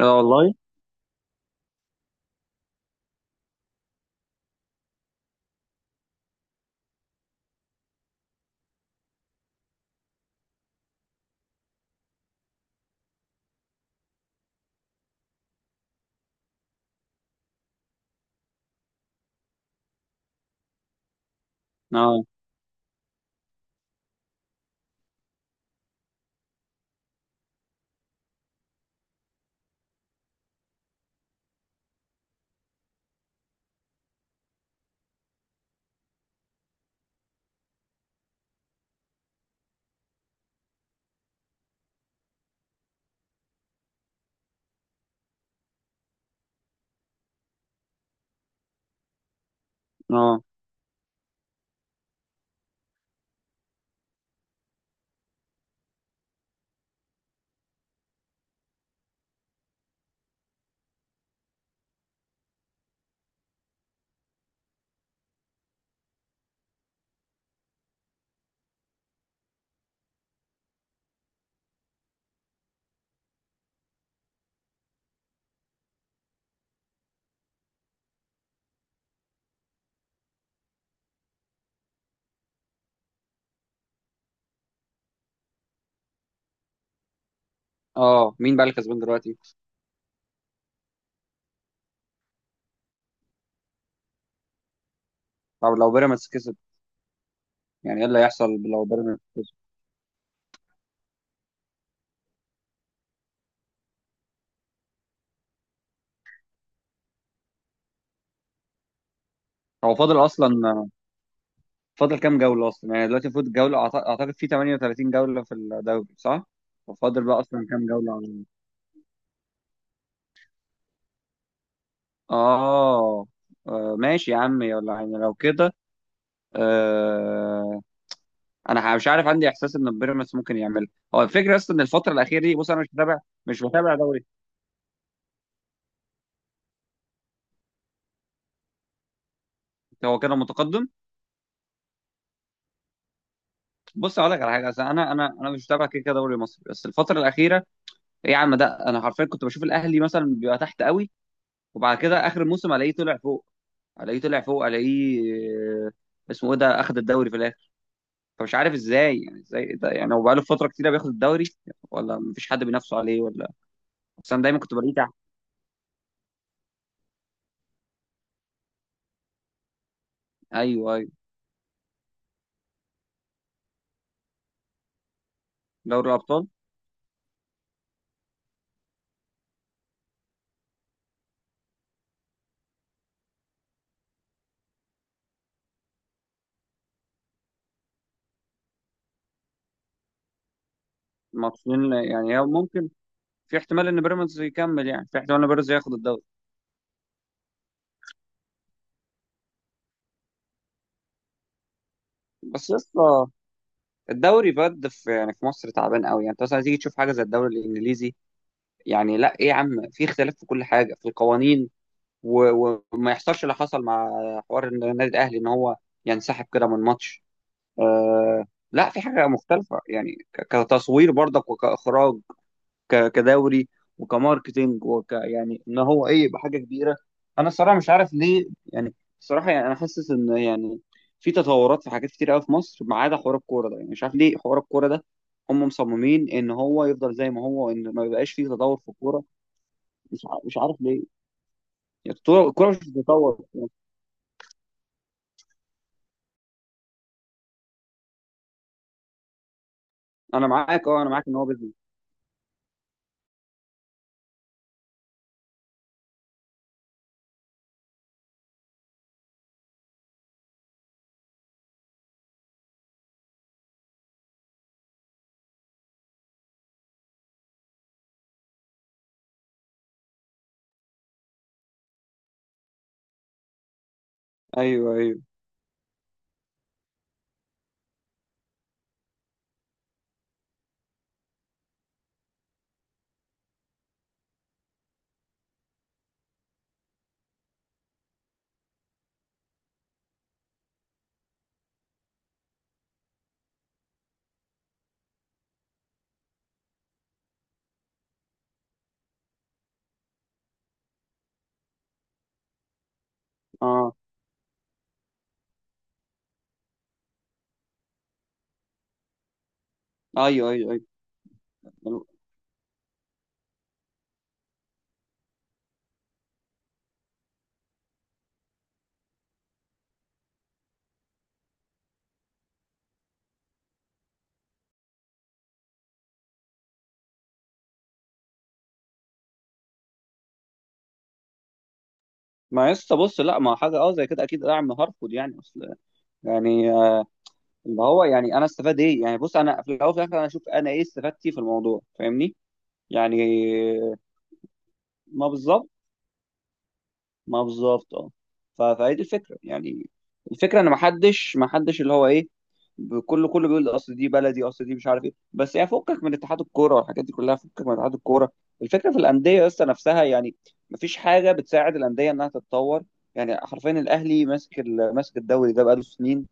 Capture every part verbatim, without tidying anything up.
اه والله. اه، اه، اه. مين بقى اللي كسبان دلوقتي؟ طب لو بيراميدز كسب، يعني ايه اللي هيحصل لو بيراميدز كسب؟ هو فاضل اصلا، فاضل كام جولة اصلا؟ يعني دلوقتي المفروض الجولة أعت- اعتقد في ثمانية وثلاثين جولة في الدوري، صح؟ وفاضل بقى اصلا كام جولة على اه. آه، ماشي يا عم، يلا، يعني لو كده. آه انا ح- مش عارف، عندي احساس ان بيراميدز ممكن يعملها. هو الفكره اصلا ان الفتره الاخيره دي، بص انا مش متابع، مش متابع دوري. هو كده متقدم. بص اقول لك على حاجه، أصل انا انا انا مش متابع كده كده دوري مصري، بس الفتره الاخيره، ايه يا عم، ده انا حرفيا كنت بشوف الاهلي مثلا بيبقى تحت قوي، وبعد كده اخر الموسم الاقيه طلع فوق، الاقيه طلع فوق، الاقيه آه، اسمه ايه ده اخد الدوري في الاخر. فمش عارف ازاي يعني، ازاي ده يعني، هو بقاله فتره كتيره بياخد الدوري، ولا مفيش حد بينافسه عليه ولا، بس انا دايما كنت بلاقيه تحت. ايوه، ايوه. دوري الابطال. ماتشين، يعني هي ممكن، في احتمال ان بيراميدز يكمل، يعني في احتمال ان بيراميدز ياخد الدوري. بس يا اسطى، الدوري بجد في، يعني في مصر تعبان قوي، يعني انت مثلا تيجي تشوف حاجه زي الدوري الانجليزي. يعني لا، ايه يا عم، في اختلاف في كل حاجه، في القوانين، و- و- وما يحصلش اللي حصل مع حوار إن النادي الاهلي ان هو ينسحب كده من ماتش. آه. لا، في حاجه مختلفه، يعني ك- كتصوير برضك، وكاخراج، ك- كدوري، وكماركتينج، وك يعني ان هو ايه، يبقى حاجه كبيره. انا الصراحه مش عارف ليه، يعني الصراحه يعني انا حاسس ان يعني في تطورات، في حاجات كتير قوي في مصر ما عدا حوار الكوره ده. يعني مش عارف ليه حوار الكوره ده، هم مصممين ان هو يفضل زي ما هو، ان ما يبقاش فيه تطور في الكوره. مش ع- مش عارف ليه. يعني الكوره، الكورة مش بتتطور. انا معاك، اه انا معاك ان هو بيزنس. ايوه، ايوه. اه، ايوه، ايوه، ايوه. ما يسطا، بص، لا ما حاجه اه زي كده، اكيد دعم هارفود يعني، اصل يعني اللي هو يعني، انا استفاد ايه يعني، بص انا في الاول وفي الاخر انا اشوف انا ايه استفادتي في الموضوع، فاهمني، يعني ما بالظبط، ما بالظبط اه. ف- فهي دي الفكره يعني. الفكره ان ما حدش، ما حدش اللي هو ايه، كله كله بيقول اصل دي بلدي، اصل دي مش عارف ايه، بس يعني فكك من اتحاد الكوره والحاجات دي كلها، فكك من اتحاد الكوره. الفكره في الانديه لسه نفسها يعني، ما فيش حاجه بتساعد الانديه انها تتطور. يعني حرفيا الاهلي ماسك ال- ماسك الدوري ده بقاله سنين.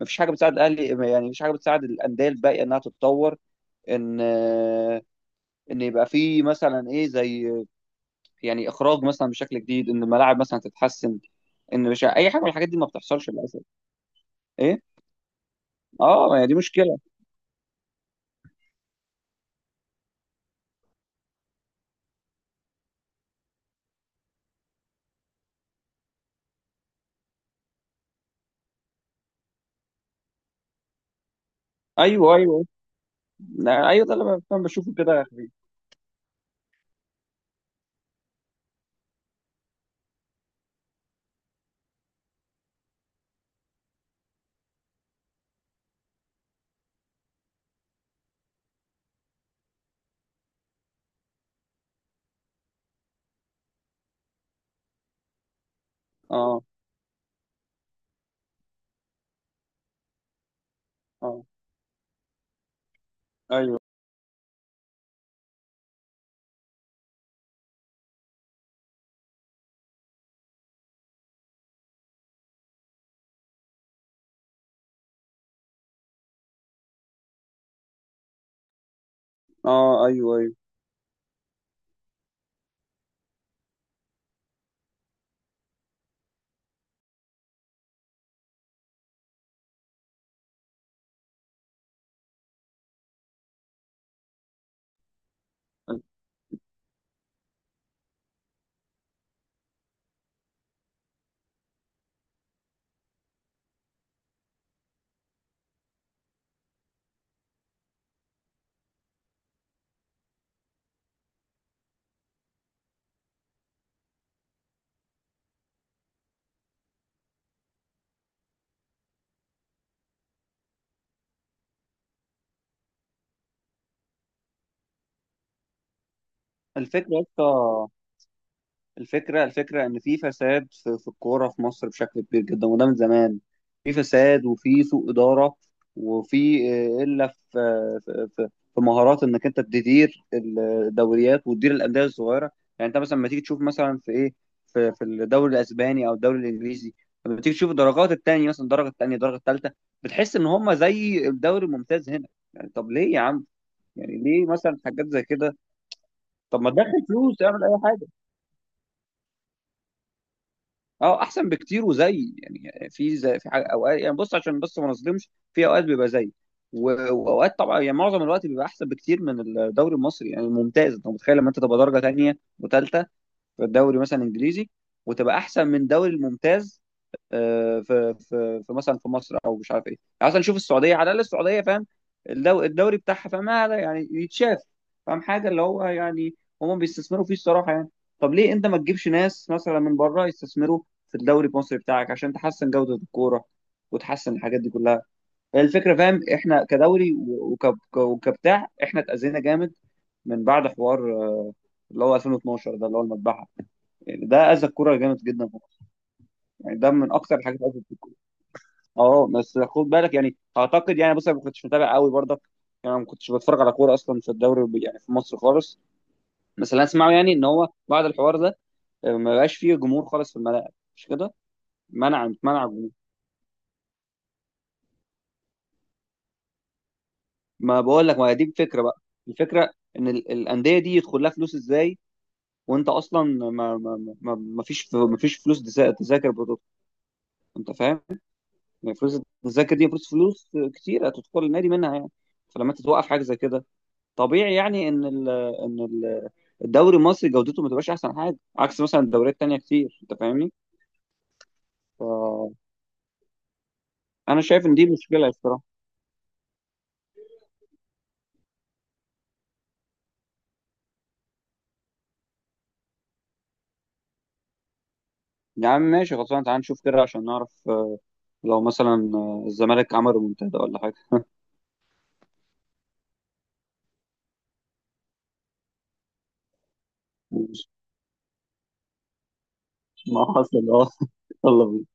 ما فيش حاجه بتساعد الاهلي، يعني ما فيش حاجه بتساعد الانديه الباقيه انها تتطور، ان ان يبقى في مثلا ايه، زي يعني اخراج مثلا بشكل جديد، ان الملاعب مثلا تتحسن، ان مش اي حاجه من الحاجات دي ما بتحصلش للاسف. ايه. اه، ما هي دي مشكله. ايوه، ايوه. لا، ايوه، ده اللي انا فاهم بشوفه كده يا حبيبي. اه، اه، ايوه. اه، ايوه، ايوه. الفكره يا اسطى، الفكرة الفكرة إن في فساد في, في الكورة في مصر بشكل كبير جدا، وده من زمان. في فساد، وفي سوء إدارة، وفي آه، إلا في آه، في في- في مهارات إنك أنت تدير الدوريات وتدير الأندية الصغيرة. يعني أنت مثلا لما تيجي تشوف، مثلا في إيه، في في الدوري الأسباني أو الدوري الإنجليزي، لما تيجي تشوف الدرجات التانية، مثلا الدرجة التانية، الدرجة التالتة، بتحس إن هما زي الدوري الممتاز هنا. يعني طب ليه يا عم، يعني ليه مثلا حاجات زي كده. طب ما تدخل فلوس، اعمل أي حاجة. اه، احسن بكتير، وزي يعني، في زي، في حاجة اوقات، يعني بص عشان بس ما نظلمش، في اوقات بيبقى زي و- واوقات طبعا. يعني معظم الوقت بيبقى احسن بكتير من الدوري المصري. يعني ممتاز، انت متخيل لما انت تبقى درجه تانيه وتالته في الدوري مثلا انجليزي وتبقى احسن من دوري الممتاز. آه، في في في مثلا في مصر، او مش عارف ايه يعني، مثلا نشوف السعوديه، على الاقل السعوديه فاهم، الدو- الدوري بتاعها فاهم، هذا يعني يتشاف، فاهم، حاجه اللي هو يعني هم بيستثمروا فيه الصراحه يعني. طب ليه انت ما تجيبش ناس مثلا من بره يستثمروا في الدوري المصري بتاعك، عشان تحسن جوده الكوره وتحسن الحاجات دي كلها. هي الفكره، فاهم، احنا كدوري، و- وكب- ك- وكبتاع احنا اتاذينا جامد من بعد حوار آه، اللي هو ألفين واتناشر ده، اللي هو المذبحه. يعني ده اذى الكوره جامد جدا في مصر. يعني ده من اكثر الحاجات اللي اذت. اه، بس خد بالك يعني، اعتقد يعني بص انا ما كنتش متابع قوي برضك، يعني ما كنتش بتفرج على كوره اصلا في الدوري وب- يعني في مصر خالص. بس اللي أنا اسمعه يعني ان هو بعد الحوار ده آه، ما بقاش فيه جمهور خالص في الملاعب، مش كده. منع، منع جمهور. ما بقول لك، ما هي دي الفكره بقى. الفكره ان ال- الانديه دي يدخل لها فلوس ازاي، وانت اصلا ما ما ما ما ما فيش ما فيش فلوس تذا- تذاكر برضه، انت فاهم، يعني فلوس التذاكر دي فلوس، فلوس كتيره تدخل النادي منها يعني. فلما انت توقف حاجه زي كده، طبيعي يعني ان ال ان ال الدوري المصري جودته ما تبقاش احسن حاجه، عكس مثلا الدوريات التانيه كتير، انت فاهمني. فانا شايف ان دي مشكله الصراحه. يا عم ماشي، خلصنا، تعال نشوف كده عشان نعرف، آه، لو مثلا آه، الزمالك عمل منتدى ولا حاجه. ما حصل. اه، يلا بينا.